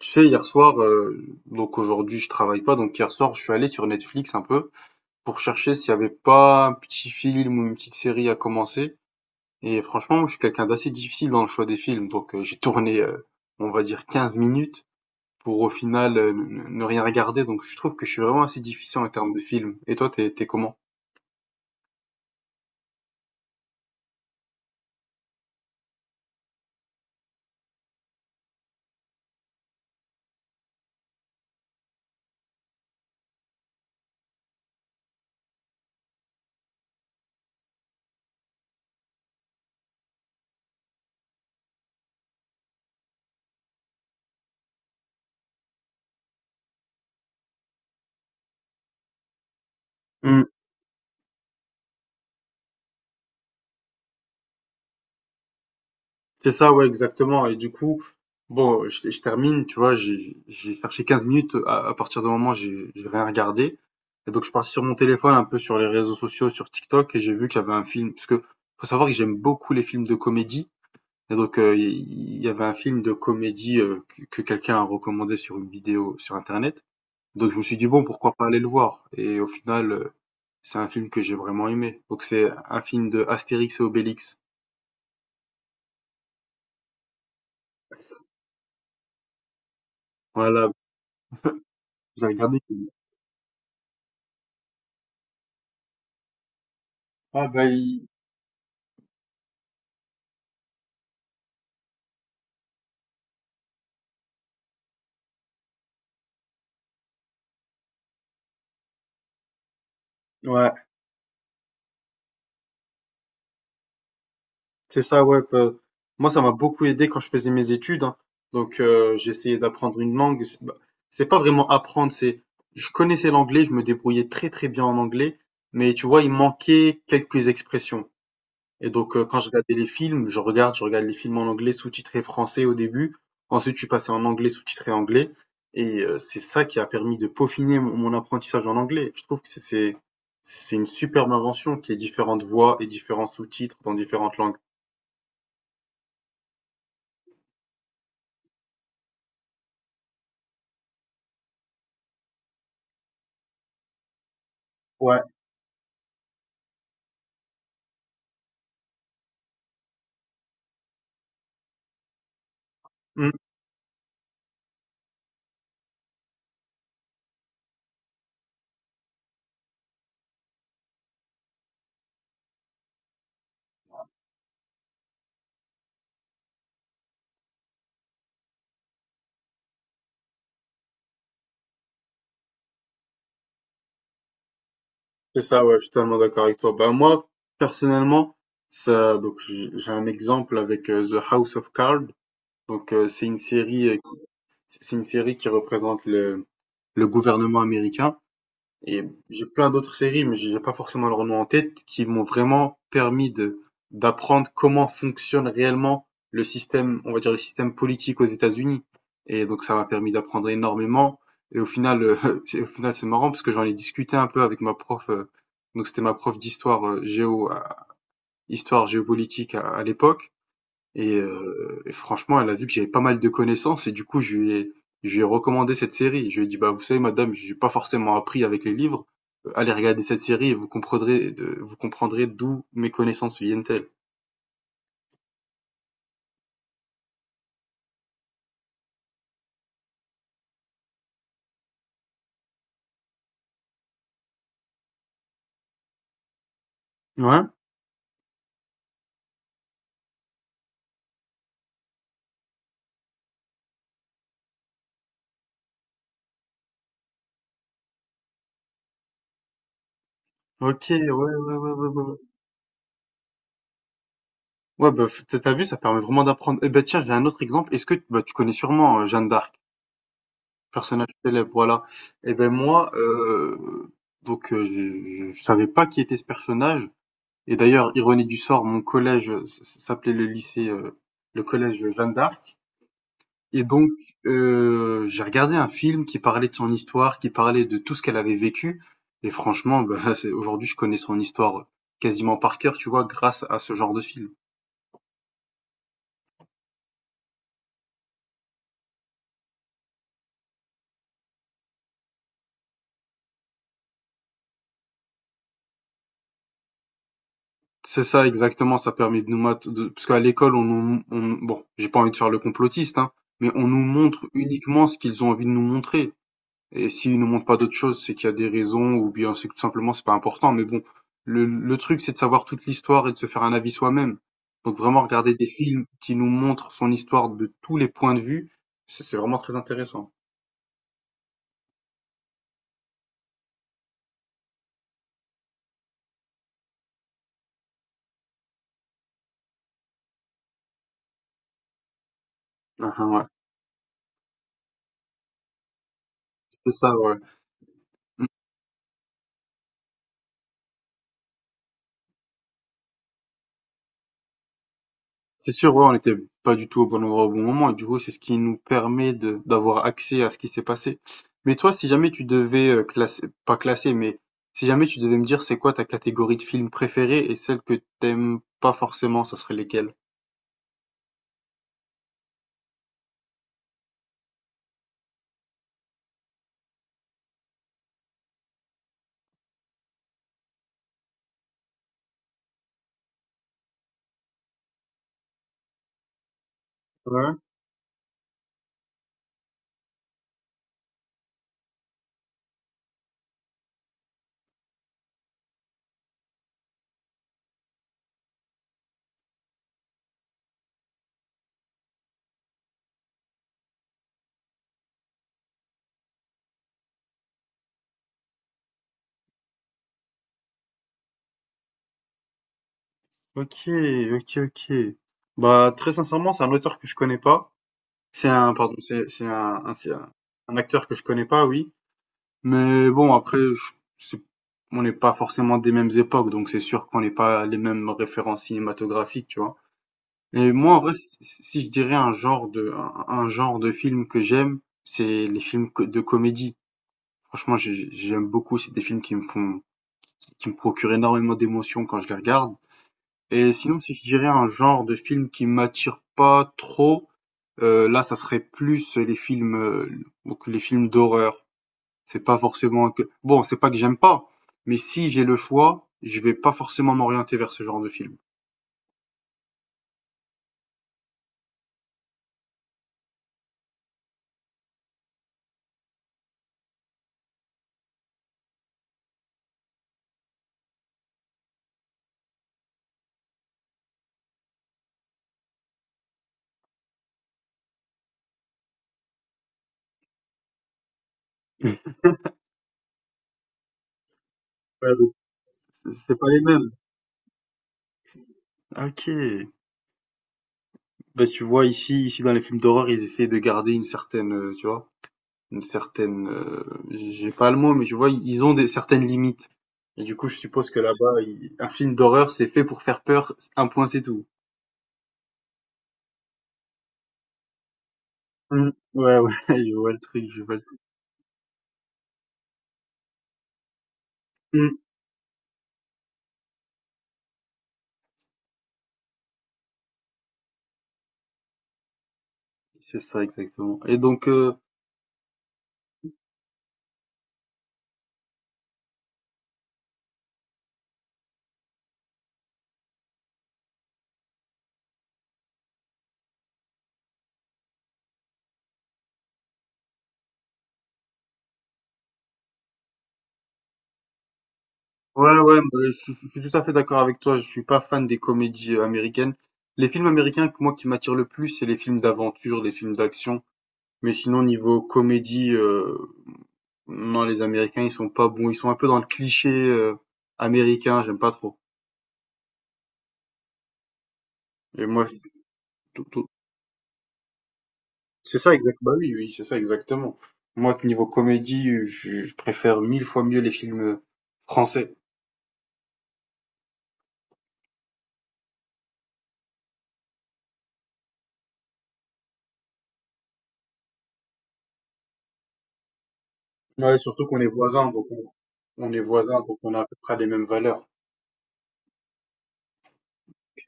Tu sais, hier soir, donc aujourd'hui je travaille pas, donc hier soir je suis allé sur Netflix un peu pour chercher s'il y avait pas un petit film ou une petite série à commencer. Et franchement, moi, je suis quelqu'un d'assez difficile dans le choix des films, donc j'ai tourné, on va dire, 15 minutes pour au final ne rien regarder, donc je trouve que je suis vraiment assez difficile en termes de films. Et toi, t'es comment? C'est ça, ouais, exactement. Et du coup, bon, je termine, tu vois, j'ai cherché 15 minutes à partir du moment où j'ai rien regardé. Et donc, je suis parti sur mon téléphone, un peu sur les réseaux sociaux, sur TikTok, et j'ai vu qu'il y avait un film, parce que faut savoir que j'aime beaucoup les films de comédie. Et donc, il y avait un film de comédie que quelqu'un a recommandé sur une vidéo sur Internet. Donc, je me suis dit, bon, pourquoi pas aller le voir? Et au final, c'est un film que j'ai vraiment aimé. Donc, c'est un film de Astérix et Obélix. Voilà, j'ai regardé. Ah, bah, ouais, c'est ça, ouais. Moi, ça m'a beaucoup aidé quand je faisais mes études, hein. Donc, j'essayais d'apprendre une langue. C'est bah, c'est pas vraiment apprendre, c'est. Je connaissais l'anglais, je me débrouillais très très bien en anglais, mais tu vois, il manquait quelques expressions. Et donc, quand je regardais les films, je regarde les films en anglais sous-titré français au début. Ensuite, je suis passé en anglais sous-titré anglais. Et c'est ça qui a permis de peaufiner mon apprentissage en anglais. Je trouve que c'est une superbe invention qui est différentes voix et différents sous-titres dans différentes langues. Ouais, mmh, c'est ça, ouais, je suis totalement d'accord avec toi. Bah, moi, personnellement, ça, donc, j'ai un exemple avec The House of Cards. Donc, c'est une série, c'est une série qui représente le gouvernement américain. Et j'ai plein d'autres séries, mais j'ai pas forcément leur nom en tête, qui m'ont vraiment permis de d'apprendre comment fonctionne réellement le système, on va dire le système politique aux États-Unis. Et donc ça m'a permis d'apprendre énormément. Et au final, au final c'est marrant parce que j'en ai discuté un peu avec ma prof, donc c'était ma prof d'histoire géo, histoire géopolitique à l'époque. Et franchement, elle a vu que j'avais pas mal de connaissances et du coup, je lui ai recommandé cette série. Je lui ai dit: «Bah, vous savez, madame, j'ai pas forcément appris avec les livres. Allez regarder cette série et vous comprendrez d'où mes connaissances viennent-elles». Ouais? OK, ouais, ouais, ouais, ouais, ouais, ouais. Ouais, bah, f tu as vu, ça permet vraiment d'apprendre. Eh ben, tiens, j'ai un autre exemple. Est-ce que bah, tu connais sûrement, Jeanne d'Arc, personnage célèbre, voilà. Et ben moi, je savais pas qui était ce personnage. Et d'ailleurs, ironie du sort, mon collège s'appelait le collège Jeanne d'Arc. Et donc, j'ai regardé un film qui parlait de son histoire, qui parlait de tout ce qu'elle avait vécu. Et franchement, bah, aujourd'hui, je connais son histoire quasiment par cœur, tu vois, grâce à ce genre de film. C'est ça, exactement. Ça permet de parce qu'à l'école, on nous, bon, j'ai pas envie de faire le complotiste, hein, mais on nous montre uniquement ce qu'ils ont envie de nous montrer. Et s'ils nous montrent pas d'autres choses, c'est qu'il y a des raisons ou bien c'est que tout simplement c'est pas important. Mais bon, le truc c'est de savoir toute l'histoire et de se faire un avis soi-même. Donc vraiment regarder des films qui nous montrent son histoire de tous les points de vue, c'est vraiment très intéressant. Ah, ah, ouais. C'est ça, ouais. C'est sûr, ouais, on n'était pas du tout au bon endroit au bon moment, et du coup, c'est ce qui nous permet de d'avoir accès à ce qui s'est passé. Mais toi, si jamais tu devais classer, pas classer, mais si jamais tu devais me dire c'est quoi ta catégorie de films préférée et celle que t'aimes pas forcément, ça serait lesquelles? Ouais, ok, ok, ok. Bah, très sincèrement, c'est un auteur que je connais pas. C'est un, pardon, c'est un acteur que je connais pas, oui. Mais bon, après, je c'est on n'est pas forcément des mêmes époques, donc c'est sûr qu'on n'est pas les mêmes références cinématographiques, tu vois. Et moi, en vrai, si je dirais un genre de film que j'aime, c'est les films de comédie. Franchement, j'aime beaucoup. C'est des films qui me procurent énormément d'émotions quand je les regarde. Et sinon, si je dirais un genre de film qui m'attire pas trop, là, ça serait plus les films, donc les films d'horreur. C'est pas forcément que bon, c'est pas que j'aime pas, mais si j'ai le choix, je vais pas forcément m'orienter vers ce genre de film. Mm. Ouais, donc, c'est pas les mêmes. Ok. Bah, tu vois, ici, dans les films d'horreur, ils essayent de garder une certaine, tu vois, une certaine, j'ai pas le mot, mais tu vois, ils ont des certaines limites. Et du coup, je suppose que là-bas, un film d'horreur, c'est fait pour faire peur, un point, c'est tout. Mm. Ouais, ouais, je vois le truc, je vois le truc. Mm. C'est ça, exactement. Ouais, ouais, bah, je suis tout à fait d'accord avec toi. Je suis pas fan des comédies américaines. Les films américains, que moi, qui m'attirent le plus, c'est les films d'aventure, les films d'action. Mais sinon, niveau comédie, non, les Américains, ils sont pas bons. Ils sont un peu dans le cliché américain. J'aime pas trop. Et moi, je- tout- tout- C'est ça exact. Bah oui, oui, c'est ça exactement. Moi, niveau comédie, je préfère mille fois mieux les films français. Ouais, surtout qu'on est voisins, donc on est voisins, donc on a à peu près les mêmes valeurs.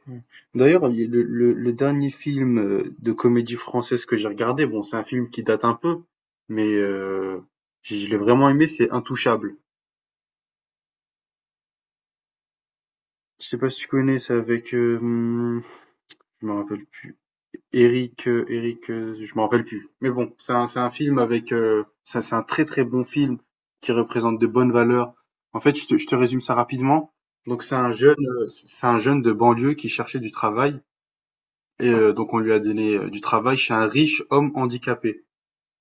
Ouais. D'ailleurs, il y a le dernier film, de comédie française que j'ai regardé, bon, c'est un film qui date un peu, mais je l'ai vraiment aimé, c'est Intouchables. Je sais pas si tu connais? C'est avec, je me rappelle plus, Éric, je me rappelle plus. Mais bon, c'est un film avec, ça c'est un très très bon film qui représente de bonnes valeurs. En fait, je te résume ça rapidement. Donc c'est un jeune de banlieue qui cherchait du travail et donc on lui a donné, du travail chez un riche homme handicapé.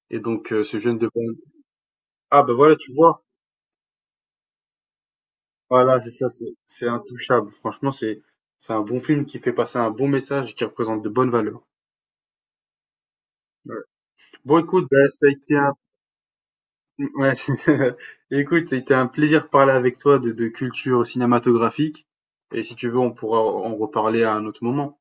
Et donc, ce jeune de Ban-. Ah bah voilà, tu vois. Voilà, c'est ça, c'est intouchable. Franchement, c'est un bon film qui fait passer un bon message qui représente de bonnes valeurs. Ouais. Bon, écoute, bah, ça a été ouais, écoute, ça a été un plaisir de parler avec toi de culture cinématographique. Et si tu veux, on pourra en reparler à un autre moment.